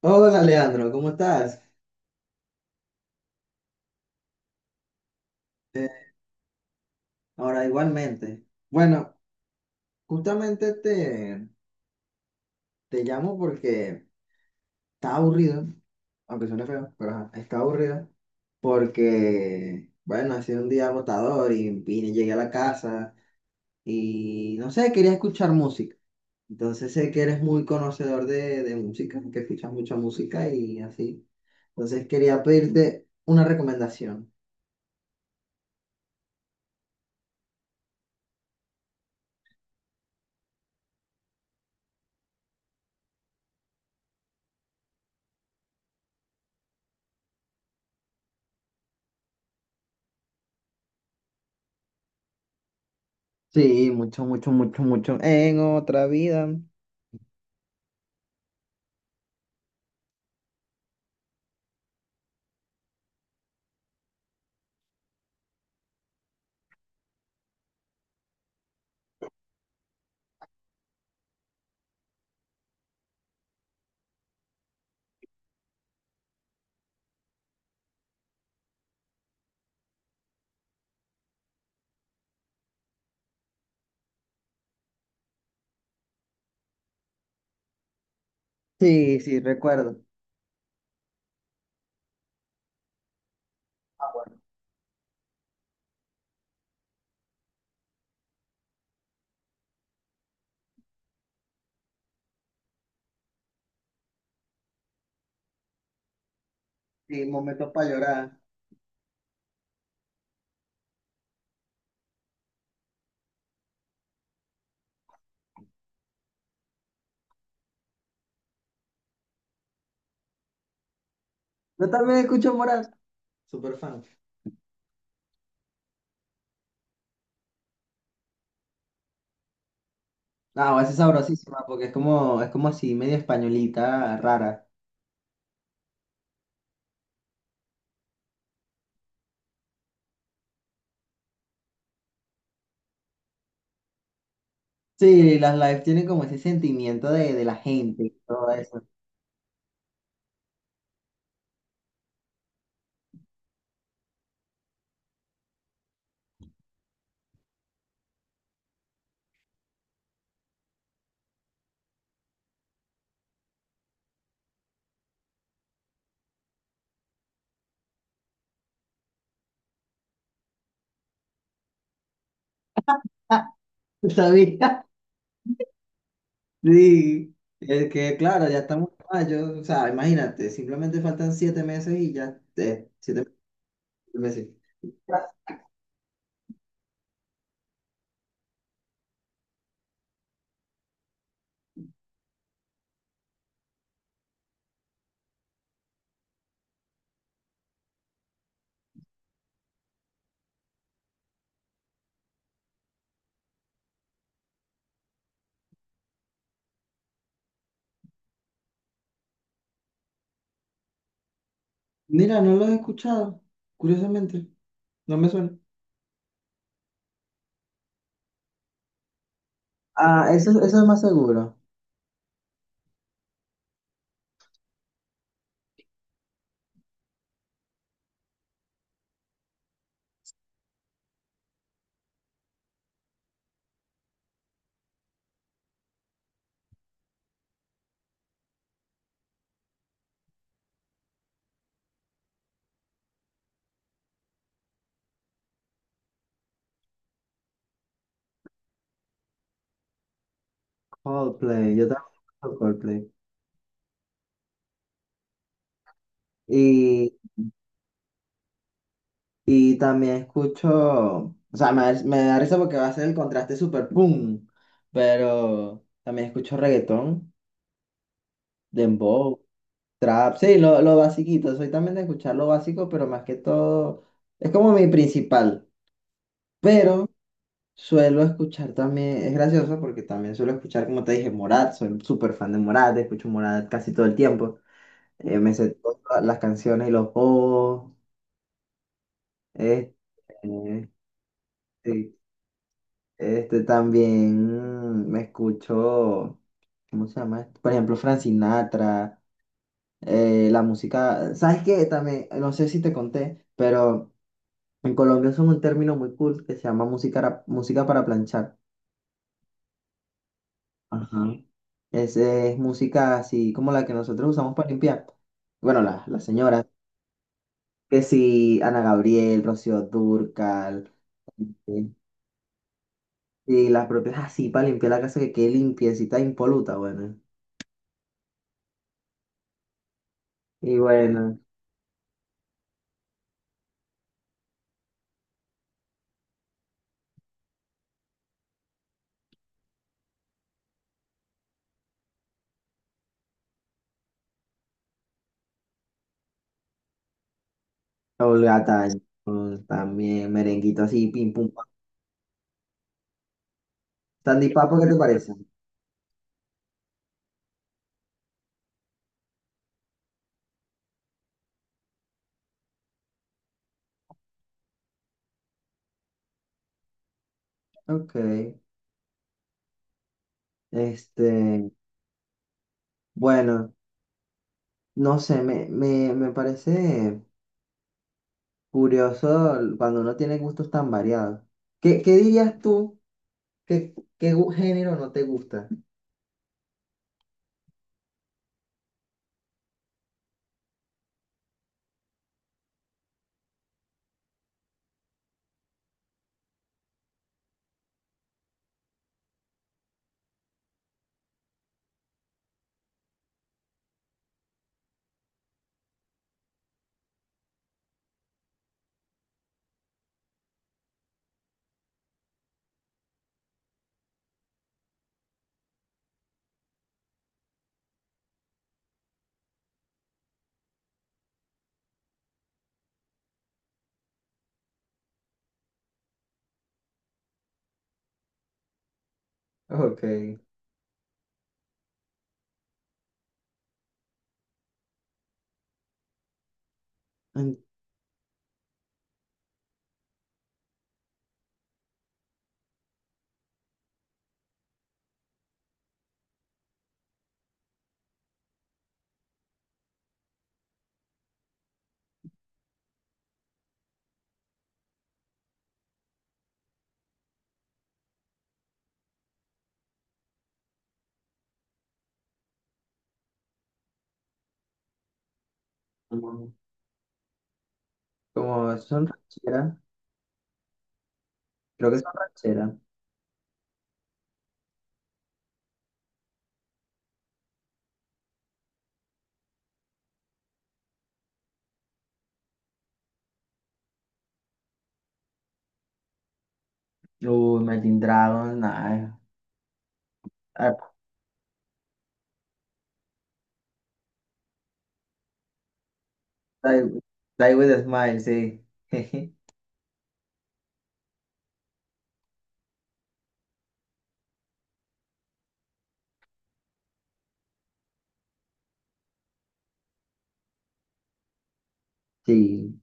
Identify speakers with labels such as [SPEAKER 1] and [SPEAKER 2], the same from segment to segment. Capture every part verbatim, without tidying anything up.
[SPEAKER 1] Hola Leandro, ¿cómo estás? Eh, Ahora igualmente. Bueno, justamente te, Te llamo porque está aburrido, aunque suene feo, pero ajá, está aburrido porque, bueno, ha sido un día agotador y vine, llegué a la casa y no sé, quería escuchar música. Entonces sé que eres muy conocedor de, de música, que escuchas mucha música y así. Entonces quería pedirte una recomendación. Sí, mucho, mucho, mucho, mucho. En otra vida. Sí, sí, recuerdo. Sí, momentos para llorar. Yo también escucho Morat. Súper fan. No, esa es sabrosísima porque es como, es como así, medio españolita, rara. Sí, las lives tienen como ese sentimiento de, de la gente y todo eso. Ah, ¿sabía? Sí. Es que, claro, ya estamos en mayo. O sea, imagínate, simplemente faltan siete meses y ya. eh, siete meses. Mira, no los he escuchado, curiosamente. No me suena. Ah, eso, eso es más seguro. Coldplay, yo también escucho Coldplay. Y, y también escucho, o sea, me, da- me da risa porque va a ser el contraste super boom, pero también escucho reggaetón, dembow, trap, sí, lo, lo basiquito, soy también de escuchar lo básico, pero más que todo, es como mi principal, pero suelo escuchar también, es gracioso porque también suelo escuchar, como te dije, Morat, soy súper fan de Morat, escucho Morat casi todo el tiempo, eh, me sé todas las canciones y los bobos. Este, este, este también me escucho, ¿cómo se llama esto? Por ejemplo, Frank Sinatra, eh, la música, ¿sabes qué? También, no sé si te conté, pero en Colombia usan un término muy cool que se llama música, ra- música para planchar. Ajá. Es, es música así como la que nosotros usamos para limpiar. Bueno, las las señoras, que sí, Ana Gabriel, Rocío Dúrcal. Y las propias así para limpiar la casa que quede limpiecita, e impoluta, bueno. Y bueno, Olgataño también, merenguito así, pim pum pam. Sandy Papo, ¿qué te parece? Ok. Este, bueno, no sé, me, me, me parece curioso cuando uno tiene gustos tan variados. ¿Qué, ¿qué dirías tú? ¿Qué, qué gu- género no te gusta? Ok. Mm, Como, como son rancheras, creo que son rancheras. Uy, Imagine Dragons, nada. Die, Die with a Smile, sí. Sí.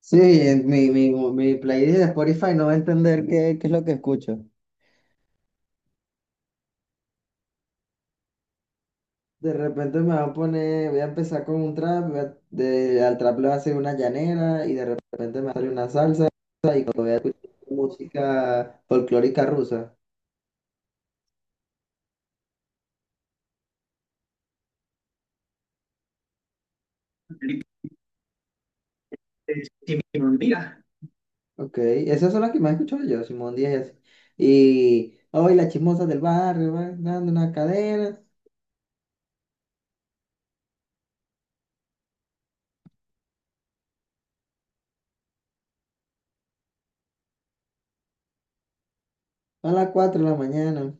[SPEAKER 1] Sí, en mi, mi, mi playlist de Spotify no va a entender qué, qué es lo que escucho. De repente me va a poner, voy a empezar con un trap, voy a- de, al trap le va a hacer una llanera y de repente me va a salir una salsa y voy a escuchar música folclórica rusa. Ok, esas son las que más escucho yo, Simón Díaz y así. Y hoy las chismosas del barrio van dando una cadena a las cuatro de la mañana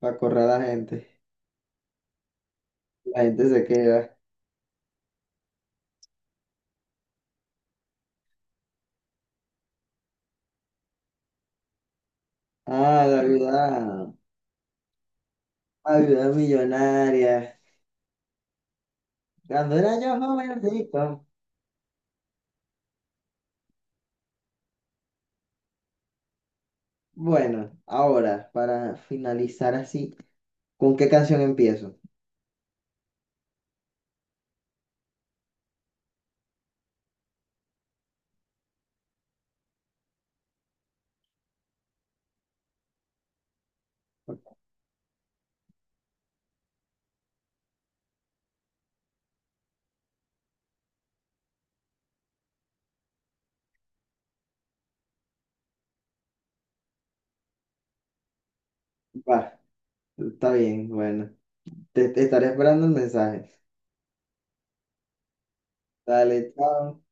[SPEAKER 1] para correr a la gente. La gente se queda. Ah, la vida, la vida millonaria. Cuando era yo joven, rico. Bueno, ahora, para finalizar así, ¿con qué canción empiezo? Va, está bien, bueno. Te, te estaré esperando el mensaje. Dale, chao.